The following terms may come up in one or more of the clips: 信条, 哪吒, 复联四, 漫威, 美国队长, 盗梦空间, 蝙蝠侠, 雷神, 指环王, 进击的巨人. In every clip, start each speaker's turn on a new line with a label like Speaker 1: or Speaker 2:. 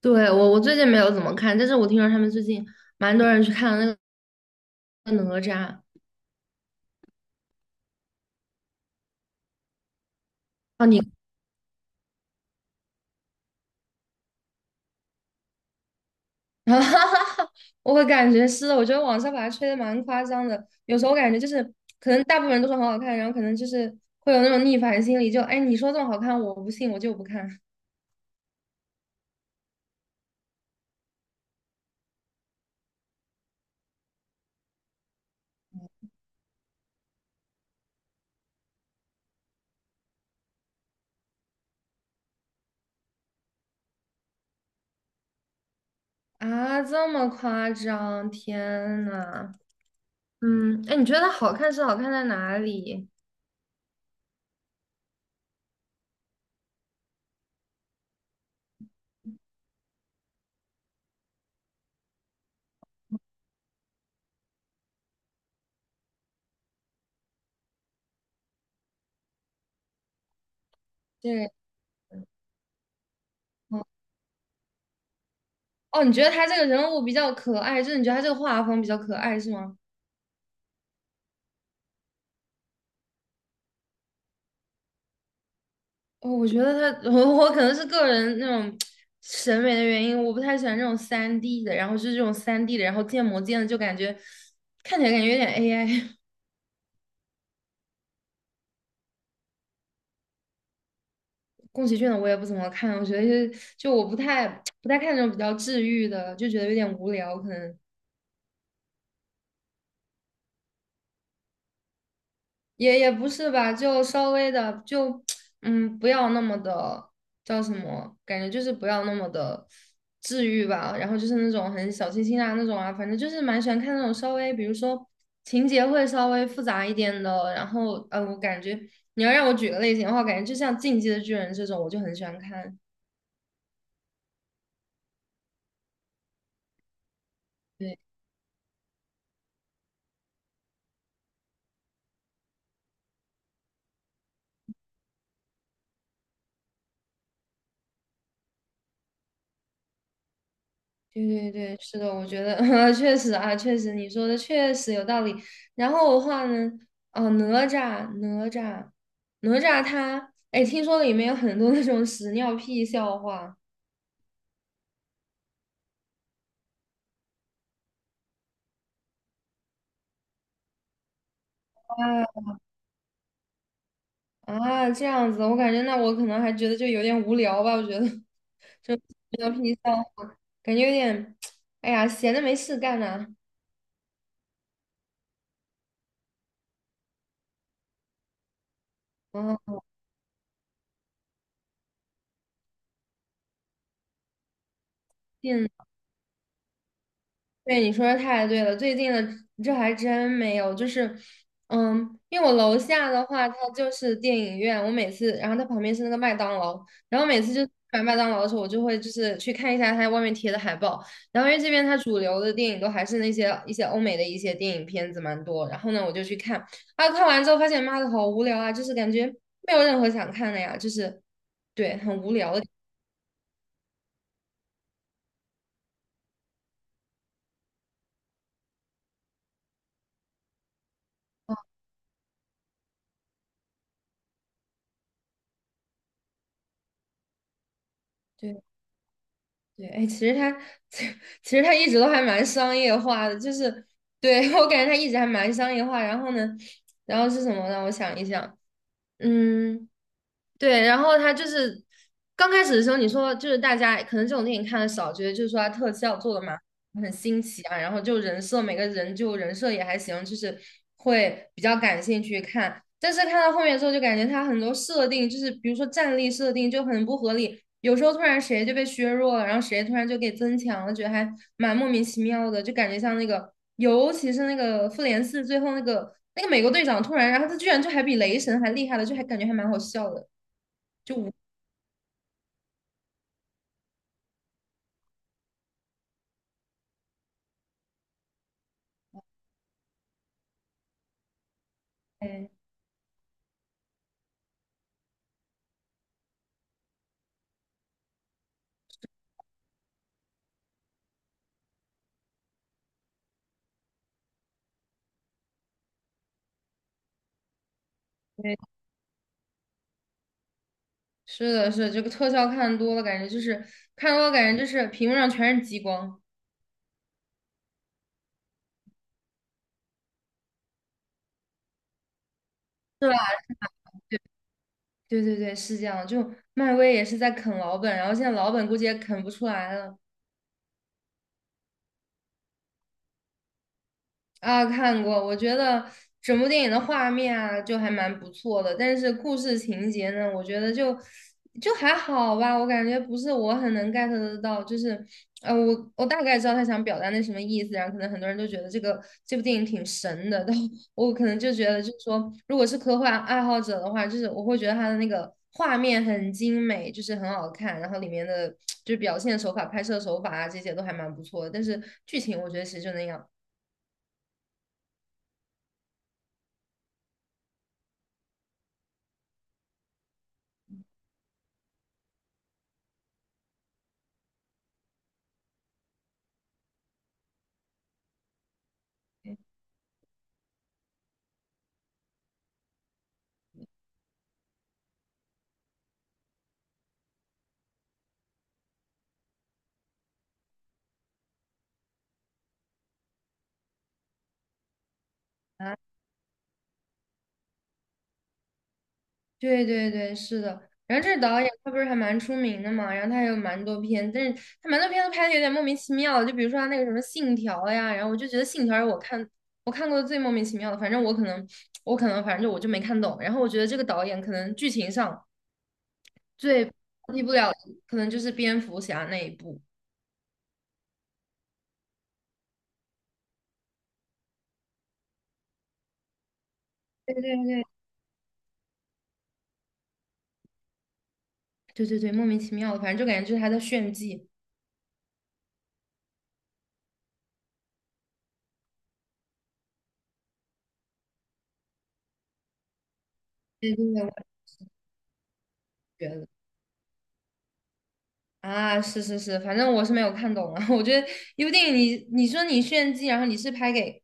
Speaker 1: 对，我最近没有怎么看，但是我听说他们最近蛮多人去看了那个哪吒啊，你，哈哈哈，我感觉是的，我觉得网上把它吹的蛮夸张的，有时候我感觉就是可能大部分人都说很好看，然后可能就是会有那种逆反心理，就哎你说这么好看，我不信，我就不看。 啊，这么夸张，天呐，嗯，哎，你觉得它好看是好看在哪里？对，哦，哦你觉得他这个人物比较可爱，就是你觉得他这个画风比较可爱是吗？哦，我觉得他，我可能是个人那种审美的原因，我不太喜欢这种三 d 的，然后是这种三 d 的，然后建模建的就感觉看起来感觉有点 AI。宫崎骏的我也不怎么看，我觉得就我不太看那种比较治愈的，就觉得有点无聊，可能。也不是吧，就稍微的就 不要那么的叫什么，感觉就是不要那么的治愈吧。然后就是那种很小清新啊那种啊，反正就是蛮喜欢看那种稍微，比如说情节会稍微复杂一点的。然后我感觉你要让我举个类型的话，感觉就像《进击的巨人》这种，我就很喜欢看。对对对对，是的，我觉得 确实啊，确实你说的确实有道理。然后的话呢，哦，哪吒，哪吒，哪吒他，哎，听说里面有很多那种屎尿屁笑话啊。啊，这样子，我感觉那我可能还觉得就有点无聊吧，我觉得 就屎尿屁笑话，感觉有点，哎呀，闲的没事干呐、啊，嗯、变对，你说的太对了，最近的这还真没有，就是，嗯，因为我楼下的话，它就是电影院，我每次，然后它旁边是那个麦当劳，然后每次就买麦当劳的时候，我就会就是去看一下它外面贴的海报，然后因为这边它主流的电影都还是那些一些欧美的一些电影片子蛮多，然后呢，我就去看，啊，看完之后发现妈的好无聊啊，就是感觉没有任何想看的呀，就是，对，很无聊的，对。对，哎，其实他 其实他一直都还蛮商业化的，就是对 我感觉他一直还蛮商业化。然后呢，然后是什么呢？我想一想，嗯。对，然后他就是刚开始的时候，你说就是大家可能这种电影看的少，觉得就是说他特效做的嘛很新奇啊，然后就人设每个人就人设也还行，就是会比较感兴趣看。但是看到后面之后，就感觉他很多设定就是比如说战力设定就很不合理，有时候突然谁就被削弱了，然后谁突然就给增强了，觉得还蛮莫名其妙的，就感觉像那个，尤其是那个复联四最后那个美国队长突然，然后他居然就还比雷神还厉害了，就还感觉还蛮好笑的。对，对是的，是的，这个特效看多了，感觉就是看多了，感觉就是屏幕上全是激光，是吧？对对对，是这样。就漫威也是在啃老本，然后现在老本估计也啃不出来了。啊，看过，我觉得整部电影的画面啊，就还蛮不错的，但是故事情节呢，我觉得就还好吧，我感觉不是我很能 get 得到，就是我大概知道他想表达那什么意思，然后可能很多人都觉得这部电影挺神的，但我可能就觉得，就是说，如果是科幻爱好者的话，就是我会觉得他的那个画面很精美，就是很好看，然后里面的就是表现手法、拍摄手法啊这些都还蛮不错的，但是剧情我觉得其实就那样。啊。对对对，是的。然后这个导演他不是还蛮出名的嘛，然后他还有蛮多片，但是他蛮多片都拍的有点莫名其妙的，就比如说他那个什么《信条》呀，然后我就觉得《信条》是我看过最莫名其妙的，反正我可能反正就我就没看懂。然后我觉得这个导演可能剧情上最替不了的可能就是蝙蝠侠那一部。对对对，莫名其妙的，反正就感觉就是他在炫技。对对对，我也觉得啊，是是是，反正我是没有看懂啊。我觉得一部电影你，你说你炫技，然后你是拍给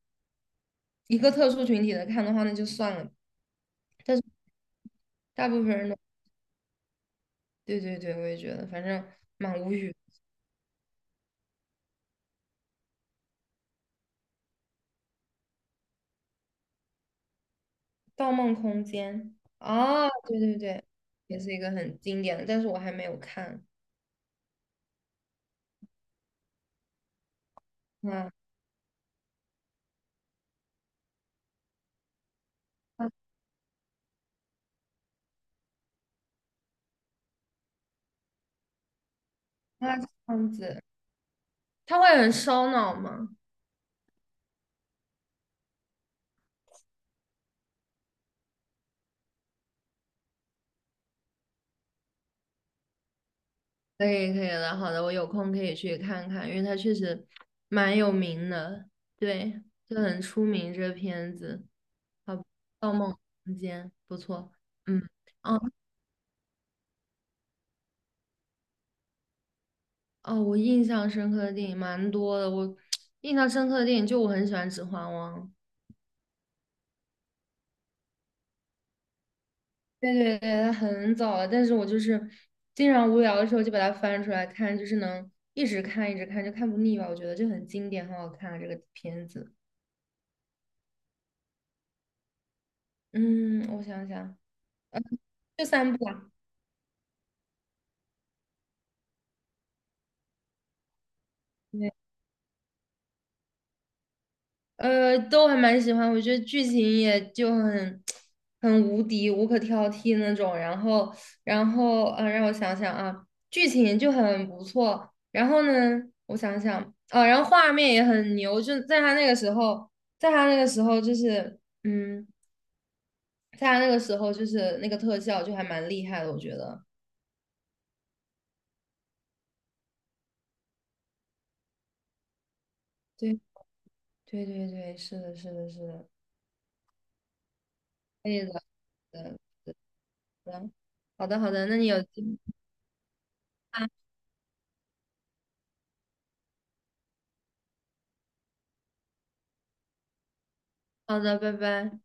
Speaker 1: 一个特殊群体的看的话，那就算了。但是大部分人都，对对对，我也觉得，反正蛮无语。《盗梦空间》啊，对对对，也是一个很经典的，但是我还没有看。啊啊，那这样子，他会很烧脑吗？可以可以的，好的，我有空可以去看看，因为它确实蛮有名的，对，就很出名这个片子。好，《盗梦空间》不错，嗯。哦哦，我印象深刻的电影蛮多的。我 印象深刻的电影就我很喜欢《指环王》，对对对，它很早了，但是我就是经常无聊的时候就把它翻出来看，就是能一直看一直看，就看不腻吧。我觉得就很经典，很好看啊这个片子。嗯，我想想，就三部啊。都还蛮喜欢，我觉得剧情也就很无敌、无可挑剔那种。然后，然后，嗯，让我想想啊，剧情就很不错。然后呢，我想想，啊，然后画面也很牛，就在他那个时候，在他那个时候就是，嗯，在他那个时候就是那个特效就还蛮厉害的，我觉得。对，对，对，对，是的，是的，是的，可以的，嗯，好的，好的，那你有机会啊，好的，拜拜。